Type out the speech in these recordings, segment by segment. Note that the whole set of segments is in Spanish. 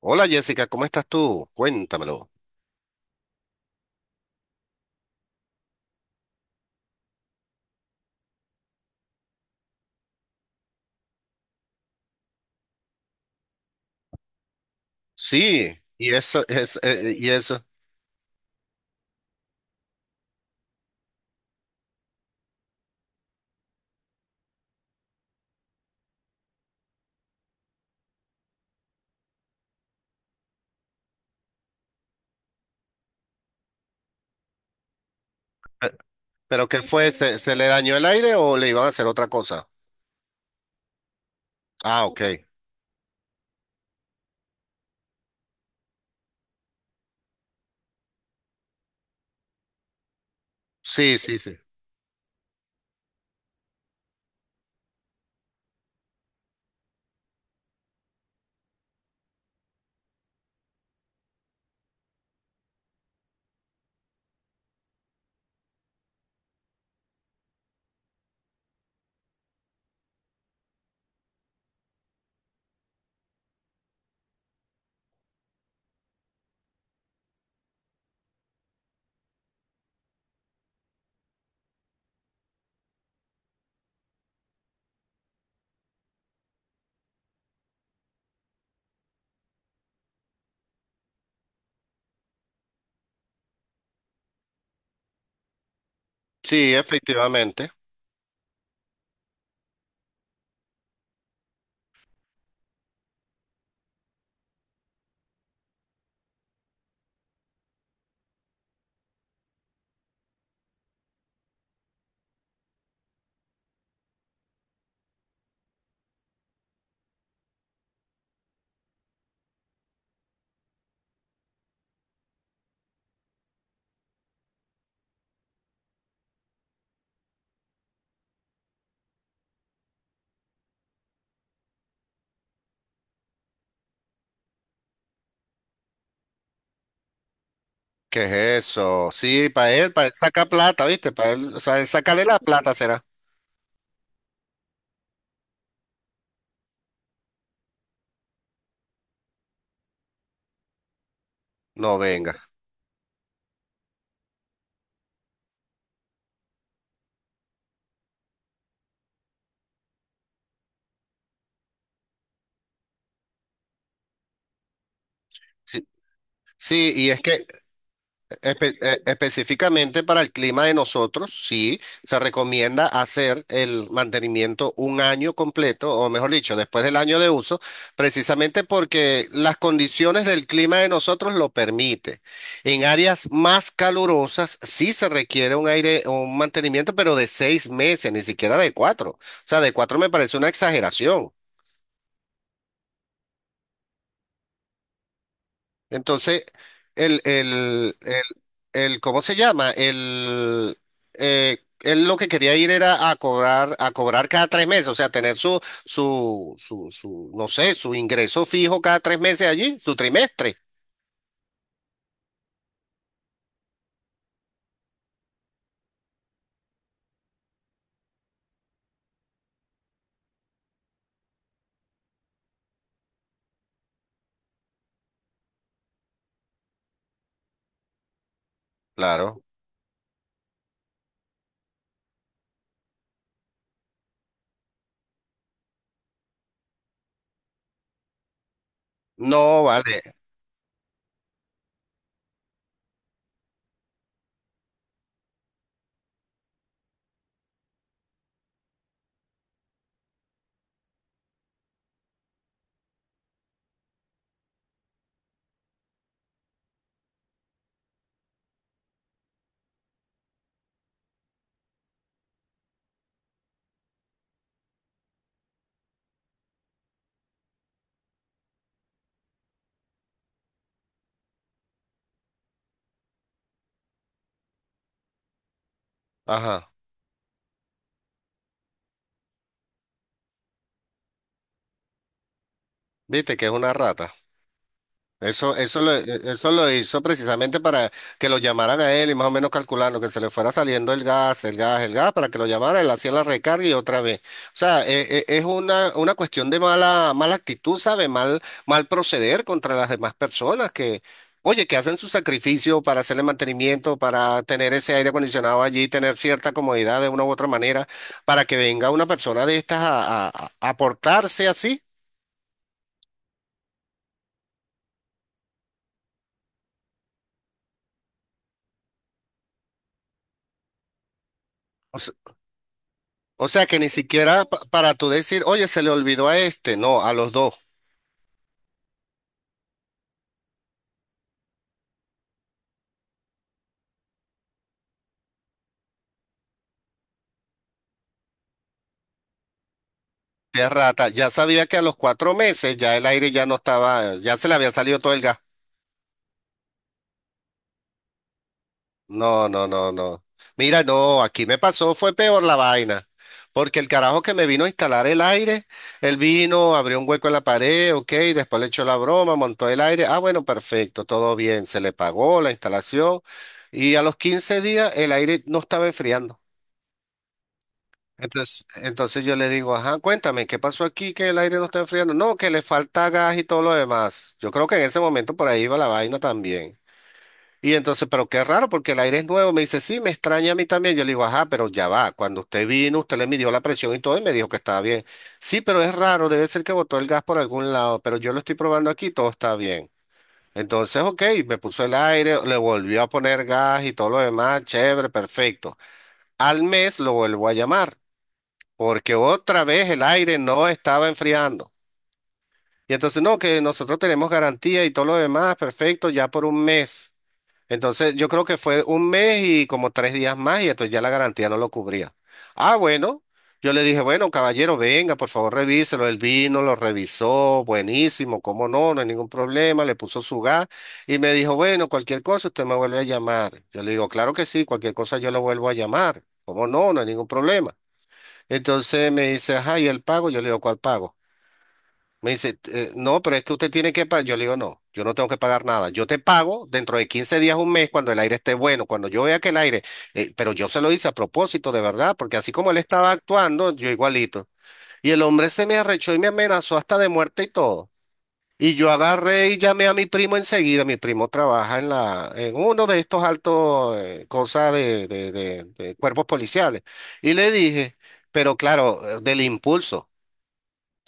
Hola Jessica, ¿cómo estás tú? Cuéntamelo. Sí, y eso, es, y eso. Pe- ¿Pero qué fue? ¿Se le dañó el aire o le iban a hacer otra cosa? Ah, ok. Sí, sí, sí. Sí, efectivamente. ¿Qué es eso? Sí, para él saca plata, ¿viste? Para él, o sea, él sacarle la plata será. No, venga. Sí, sí, y es que específicamente para el clima de nosotros, sí, se recomienda hacer el mantenimiento un año completo, o mejor dicho, después del año de uso, precisamente porque las condiciones del clima de nosotros lo permite. En áreas más calurosas sí se requiere un aire, un mantenimiento, pero de seis meses, ni siquiera de cuatro. O sea, de cuatro me parece una exageración. Entonces, el, el, el, ¿cómo se llama? Él lo que quería ir era a cobrar cada tres meses, o sea, tener no sé, su ingreso fijo cada tres meses allí, su trimestre. Claro. No, vale. Ajá. Viste que es una rata. Eso, eso lo, e- Eso lo hizo precisamente para que lo llamaran a él y más o menos calculando que se le fuera saliendo el gas, para que lo llamaran, él hacía la recarga y otra vez. O sea, es una cuestión de mala, mala actitud, ¿sabe? Mal, mal proceder contra las demás personas que, oye, que hacen su sacrificio para hacerle mantenimiento, para tener ese aire acondicionado allí, tener cierta comodidad de una u otra manera, para que venga una persona de estas a portarse así. O sea que ni siquiera para tú decir, oye, se le olvidó a este, no, a los dos, de rata. Ya sabía que a los cuatro meses ya el aire ya no estaba, ya se le había salido todo el gas. No, no, no, no. Mira, no, aquí me pasó, fue peor la vaina. Porque el carajo que me vino a instalar el aire, él vino, abrió un hueco en la pared, ok, después le echó la broma, montó el aire. Ah, bueno, perfecto, todo bien, se le pagó la instalación. Y a los 15 días el aire no estaba enfriando. Entonces, yo le digo, ajá, cuéntame, ¿qué pasó aquí que el aire no está enfriando? No, que le falta gas y todo lo demás. Yo creo que en ese momento por ahí iba la vaina también. Y entonces, pero qué raro, porque el aire es nuevo. Me dice, sí, me extraña a mí también. Yo le digo, ajá, pero ya va. Cuando usted vino, usted le midió la presión y todo y me dijo que estaba bien. Sí, pero es raro, debe ser que botó el gas por algún lado, pero yo lo estoy probando aquí, todo está bien. Entonces, ok, me puso el aire, le volvió a poner gas y todo lo demás, chévere, perfecto. Al mes lo vuelvo a llamar porque otra vez el aire no estaba enfriando. Y entonces, no, que nosotros tenemos garantía y todo lo demás, perfecto, ya por un mes. Entonces, yo creo que fue un mes y como tres días más y entonces ya la garantía no lo cubría. Ah, bueno, yo le dije, bueno, caballero, venga, por favor, revíselo. El vino, lo revisó, buenísimo, cómo no, no hay ningún problema, le puso su gas y me dijo, bueno, cualquier cosa, usted me vuelve a llamar. Yo le digo, claro que sí, cualquier cosa yo lo vuelvo a llamar. ¿Cómo no? No hay ningún problema. Entonces me dice, ajá, ¿y el pago? Yo le digo, ¿cuál pago? Me dice, no, pero es que usted tiene que pagar. Yo le digo, no, yo no tengo que pagar nada. Yo te pago dentro de 15 días, un mes, cuando el aire esté bueno, cuando yo vea que el aire, pero yo se lo hice a propósito, de verdad, porque así como él estaba actuando, yo igualito. Y el hombre se me arrechó y me amenazó hasta de muerte y todo. Y yo agarré y llamé a mi primo enseguida. Mi primo trabaja en la, en uno de estos altos cosas de cuerpos policiales. Y le dije, pero claro, del impulso.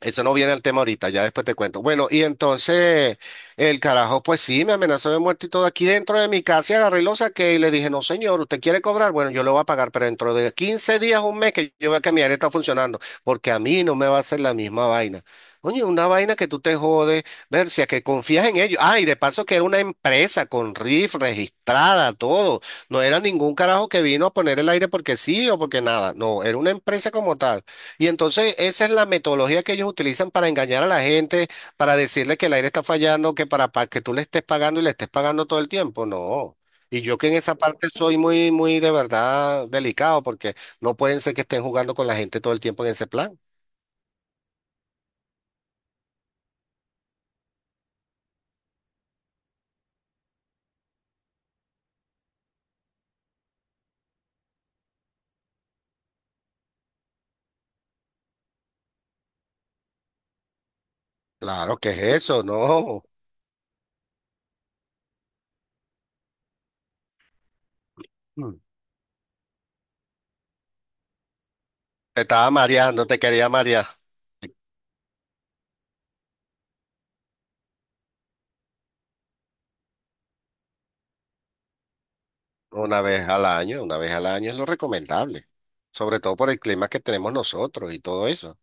Eso no viene al tema ahorita, ya después te cuento. Bueno, y entonces el carajo, pues sí, me amenazó de muerte y todo aquí dentro de mi casa y agarré y lo saqué y le dije, no señor, ¿usted quiere cobrar? Bueno, yo lo voy a pagar, pero dentro de 15 días, un mes que yo vea que mi área está funcionando, porque a mí no me va a hacer la misma vaina. Oye, una vaina que tú te jodes, ver si a que confías en ellos. Ah, y de paso que era una empresa con RIF registrada, todo. No era ningún carajo que vino a poner el aire porque sí o porque nada. No, era una empresa como tal. Y entonces esa es la metodología que ellos utilizan para engañar a la gente, para decirle que el aire está fallando, que para que tú le estés pagando y le estés pagando todo el tiempo. No. Y yo que en esa parte soy muy, muy de verdad delicado porque no pueden ser que estén jugando con la gente todo el tiempo en ese plan. Claro, ¿qué es eso? No. Mm. Te estaba mareando, te quería marear. Una vez al año, una vez al año es lo recomendable, sobre todo por el clima que tenemos nosotros y todo eso.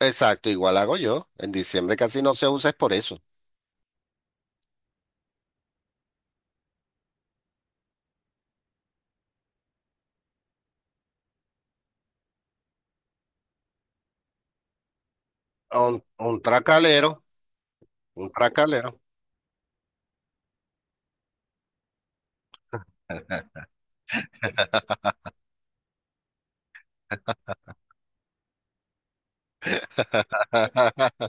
Exacto, igual hago yo. En diciembre casi no se usa es por eso. Un tracalero, un tracalero.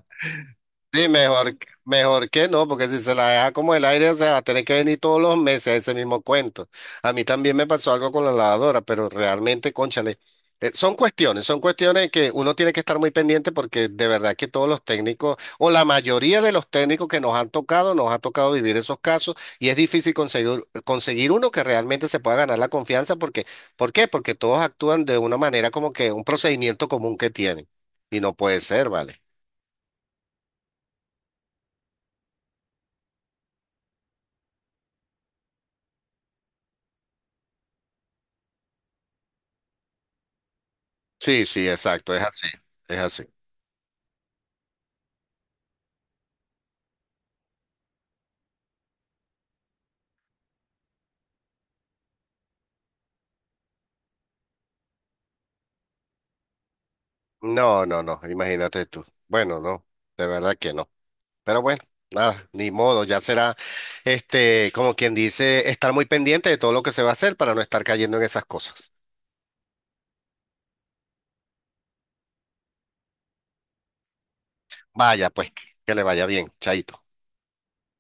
Sí, mejor, mejor que no, porque si se la deja como el aire, o sea, va a tener que venir todos los meses ese mismo cuento. A mí también me pasó algo con la lavadora, pero realmente, cónchale, son cuestiones que uno tiene que estar muy pendiente porque de verdad que todos los técnicos, o la mayoría de los técnicos que nos han tocado, nos ha tocado vivir esos casos y es difícil conseguir, conseguir uno que realmente se pueda ganar la confianza porque, ¿por qué? Porque todos actúan de una manera como que un procedimiento común que tienen y no puede ser, ¿vale? Sí, sí, exacto, es así, es así. No, no, no, imagínate tú. Bueno, no, de verdad que no. Pero bueno, nada, ni modo, ya será, este, como quien dice, estar muy pendiente de todo lo que se va a hacer para no estar cayendo en esas cosas. Vaya, pues, que le vaya bien, chaito.